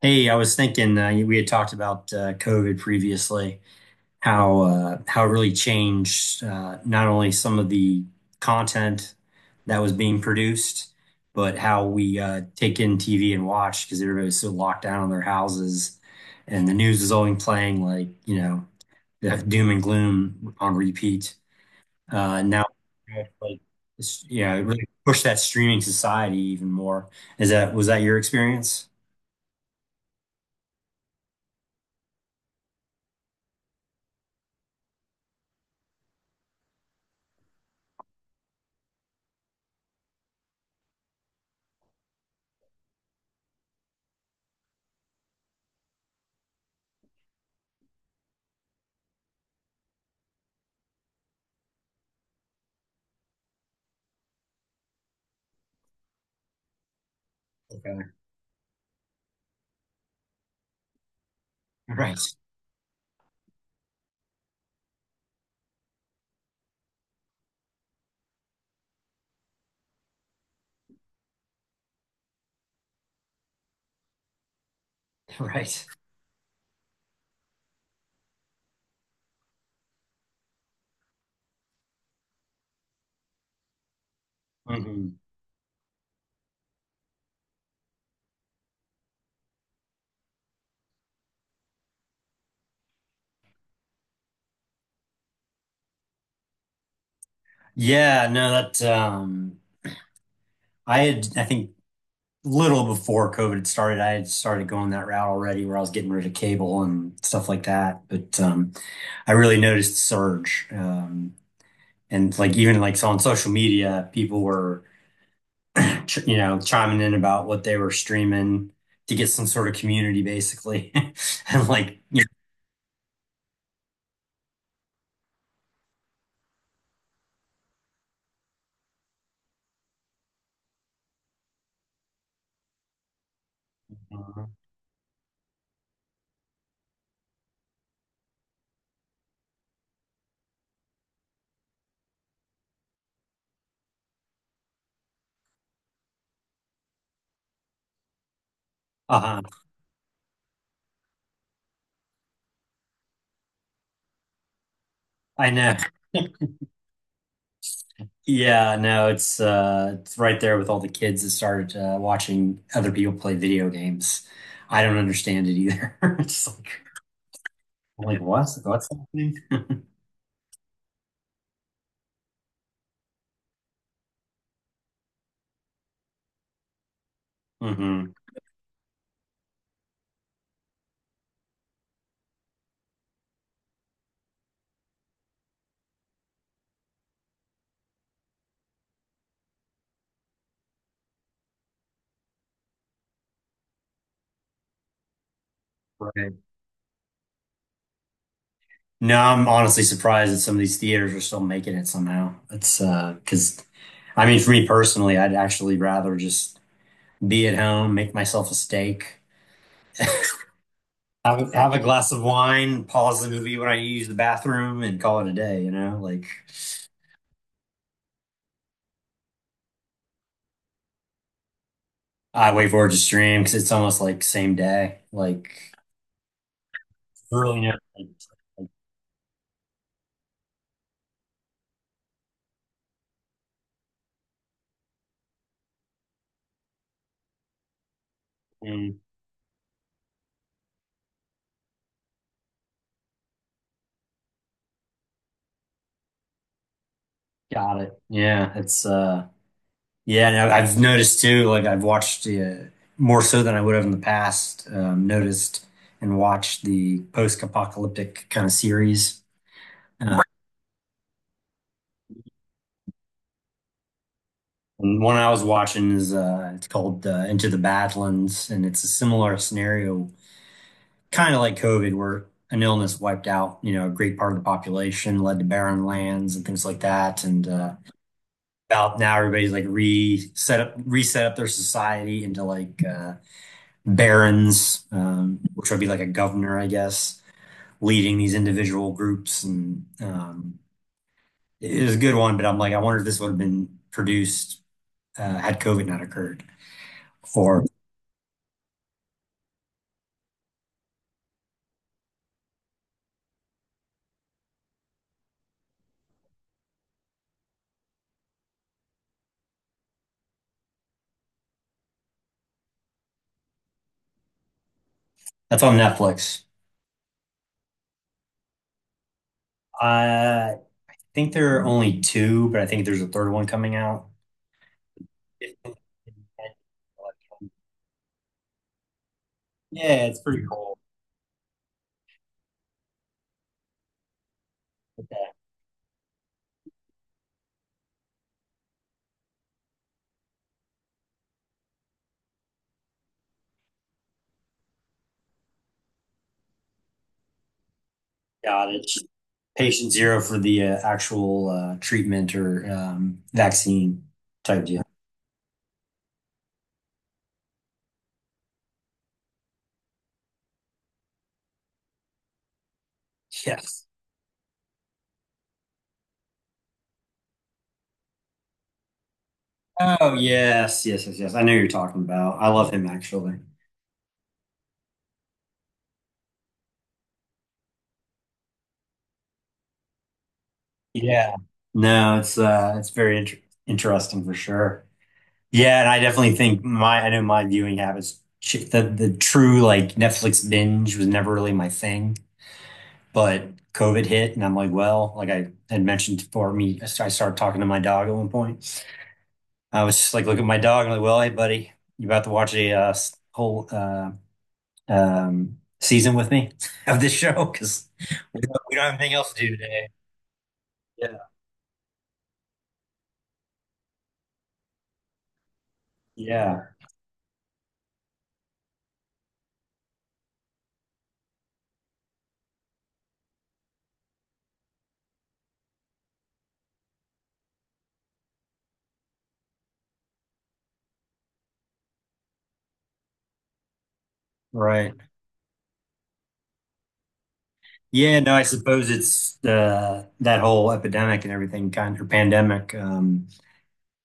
Hey, I was thinking we had talked about COVID previously, how how it really changed not only some of the content that was being produced, but how we take in TV and watch because everybody's so locked down in their houses, and the news is only playing like the doom and gloom on repeat. And now, like yeah, it really pushed that streaming society even more. Is that Was that your experience? Okay. Right, right. Hmm. Yeah, no, that um, I had I think little before COVID had started, I had started going that route already where I was getting rid of cable and stuff like that. But um, I really noticed the surge. Um, and like even like so on social media, people were chiming in about what they were streaming to get some sort of community basically. And like know, uh, I know. Yeah, no, it's right there with all the kids that started watching other people play video games. I don't understand it either. It's like I'm like what? What's happening? Hmm. Right. No, I'm honestly surprised that some of these theaters are still making it somehow. It's because I mean for me personally, I'd actually rather just be at home, make myself a steak, have have a glass of wine, pause the movie when I use the bathroom and call it a day, you know? Like I wait for it to stream because it's almost like same day, like early next. Week. Like, mm, got it. Yeah, it's yeah. And I've noticed too. Like I've watched more so than I would have in the past. Noticed and watched the post-apocalyptic kind of series. Uh, and one I was watching is it's called Into the Badlands, and it's a similar scenario kind of like COVID, where an illness wiped out, you know, a great part of the population, led to barren lands and things like that. And about now, everybody's like reset up their society into like barons, which would be like a governor, I guess, leading these individual groups. And it was a good one, but I'm like, I wonder if this would have been produced had COVID not occurred. Or that's on Netflix. I think there are only two, but I think there's a third one coming out. Yeah, it's pretty cool. Okay, got it. Patient zero for the actual treatment or vaccine type deal. Yes. Oh, yes, yes, yes, yes. I know who you're talking about. I love him actually. Yeah. No, it's very interesting for sure. Yeah, and I definitely think my I know my viewing habits. The true like Netflix binge was never really my thing. But COVID hit, and I'm like, well, like I had mentioned before, me, I started talking to my dog at one point. I was just like, look at my dog, and I'm like, well, hey, buddy, you about to watch a whole season with me of this show because we don't have anything else to do today. Yeah, yeah, right. Yeah, no, I suppose it's that whole epidemic and everything kind of or pandemic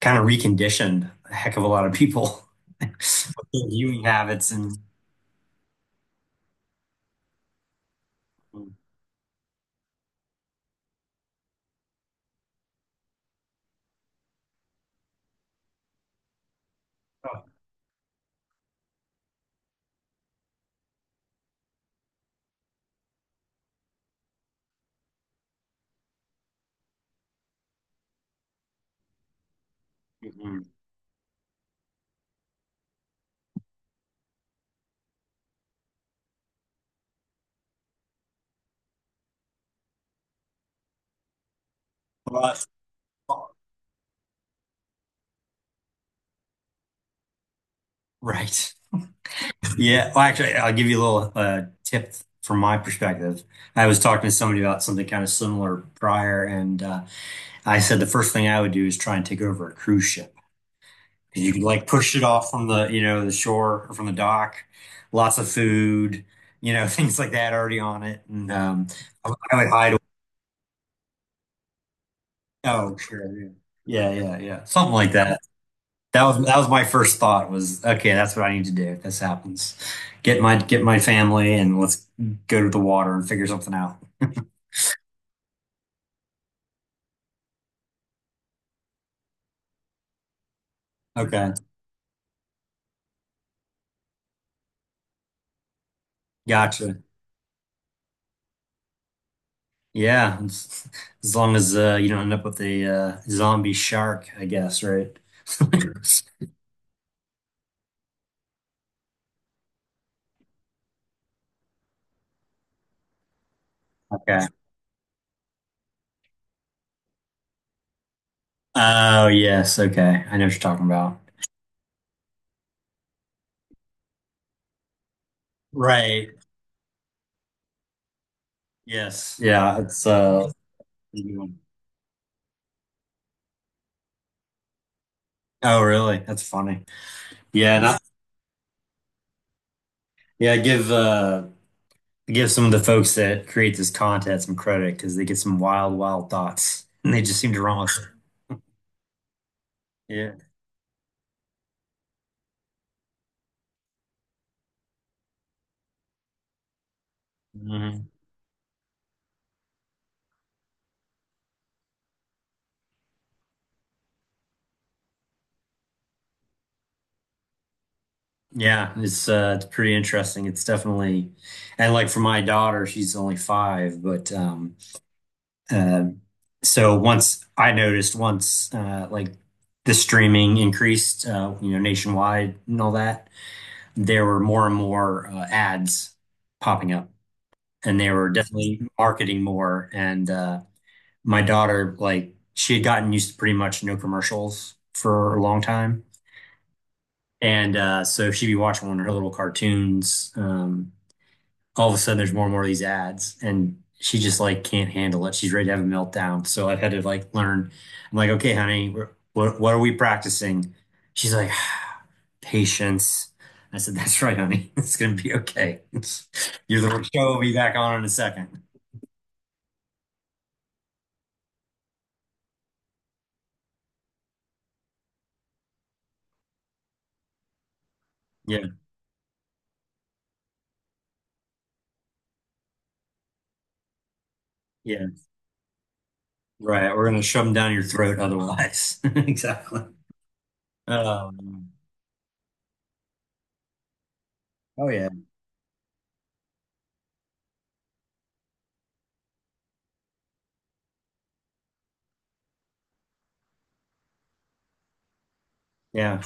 kind of reconditioned a heck of a lot of people with their viewing habits and. Oh, mm-hmm. Uh, right. Yeah. Well, actually, I'll give you a little tip from my perspective. I was talking to somebody about something kind of similar prior, and I said the first thing I would do is try and take over a cruise ship. 'Cause you could like push it off from the, you know, the shore or from the dock, lots of food, you know, things like that already on it. And I would hide. Oh, sure. Yeah. Yeah. Yeah. Yeah. Something like that. That was my first thought was okay, that's what I need to do if this happens. Get my family and let's go to the water and figure something out. Okay. Gotcha. Yeah. As long as you don't end up with a zombie shark, I guess, right? Okay. Oh, yes. Okay. I know what you're talking about. Right. Yes. Yeah, it's oh, really? That's funny. Yeah, not yeah, give some of the folks that create this content some credit because they get some wild, wild thoughts and they just seem to run with it. Yeah. Hmm. Yeah, it's pretty interesting. It's definitely and like for my daughter, she's only five, but uh, so once I noticed once like the streaming increased you know nationwide and all that, there were more and more ads popping up and they were definitely marketing more and my daughter, like, she had gotten used to pretty much no commercials for a long time. And so she'd be watching one of her little cartoons. All of a sudden, there's more and more of these ads, and she just like can't handle it. She's ready to have a meltdown. So I've had to like learn. I'm like, okay, honey, we're, what are we practicing? She's like, patience. I said, that's right, honey. It's gonna be okay. You're the show will be back on in a second. Yeah, yeah. Right, we're gonna shove them down your throat otherwise. Exactly. Um, oh yeah, yeah.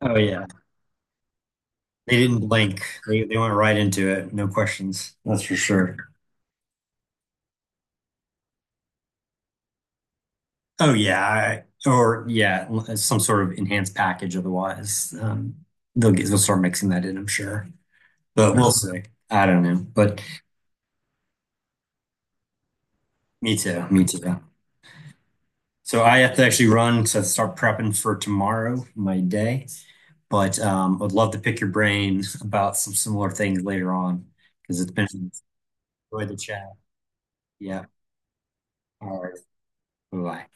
Oh yeah. They didn't blink. They went right into it. No questions. That's for sure. Oh yeah, I, or yeah, some sort of enhanced package otherwise. They'll start mixing that in, I'm sure. But we'll see. I don't know. But me too. Me too. So I have to actually run to start prepping for tomorrow, my day. But I'd love to pick your brain about some similar things later on because it's been enjoy the chat. Yeah. All right. Bye-bye.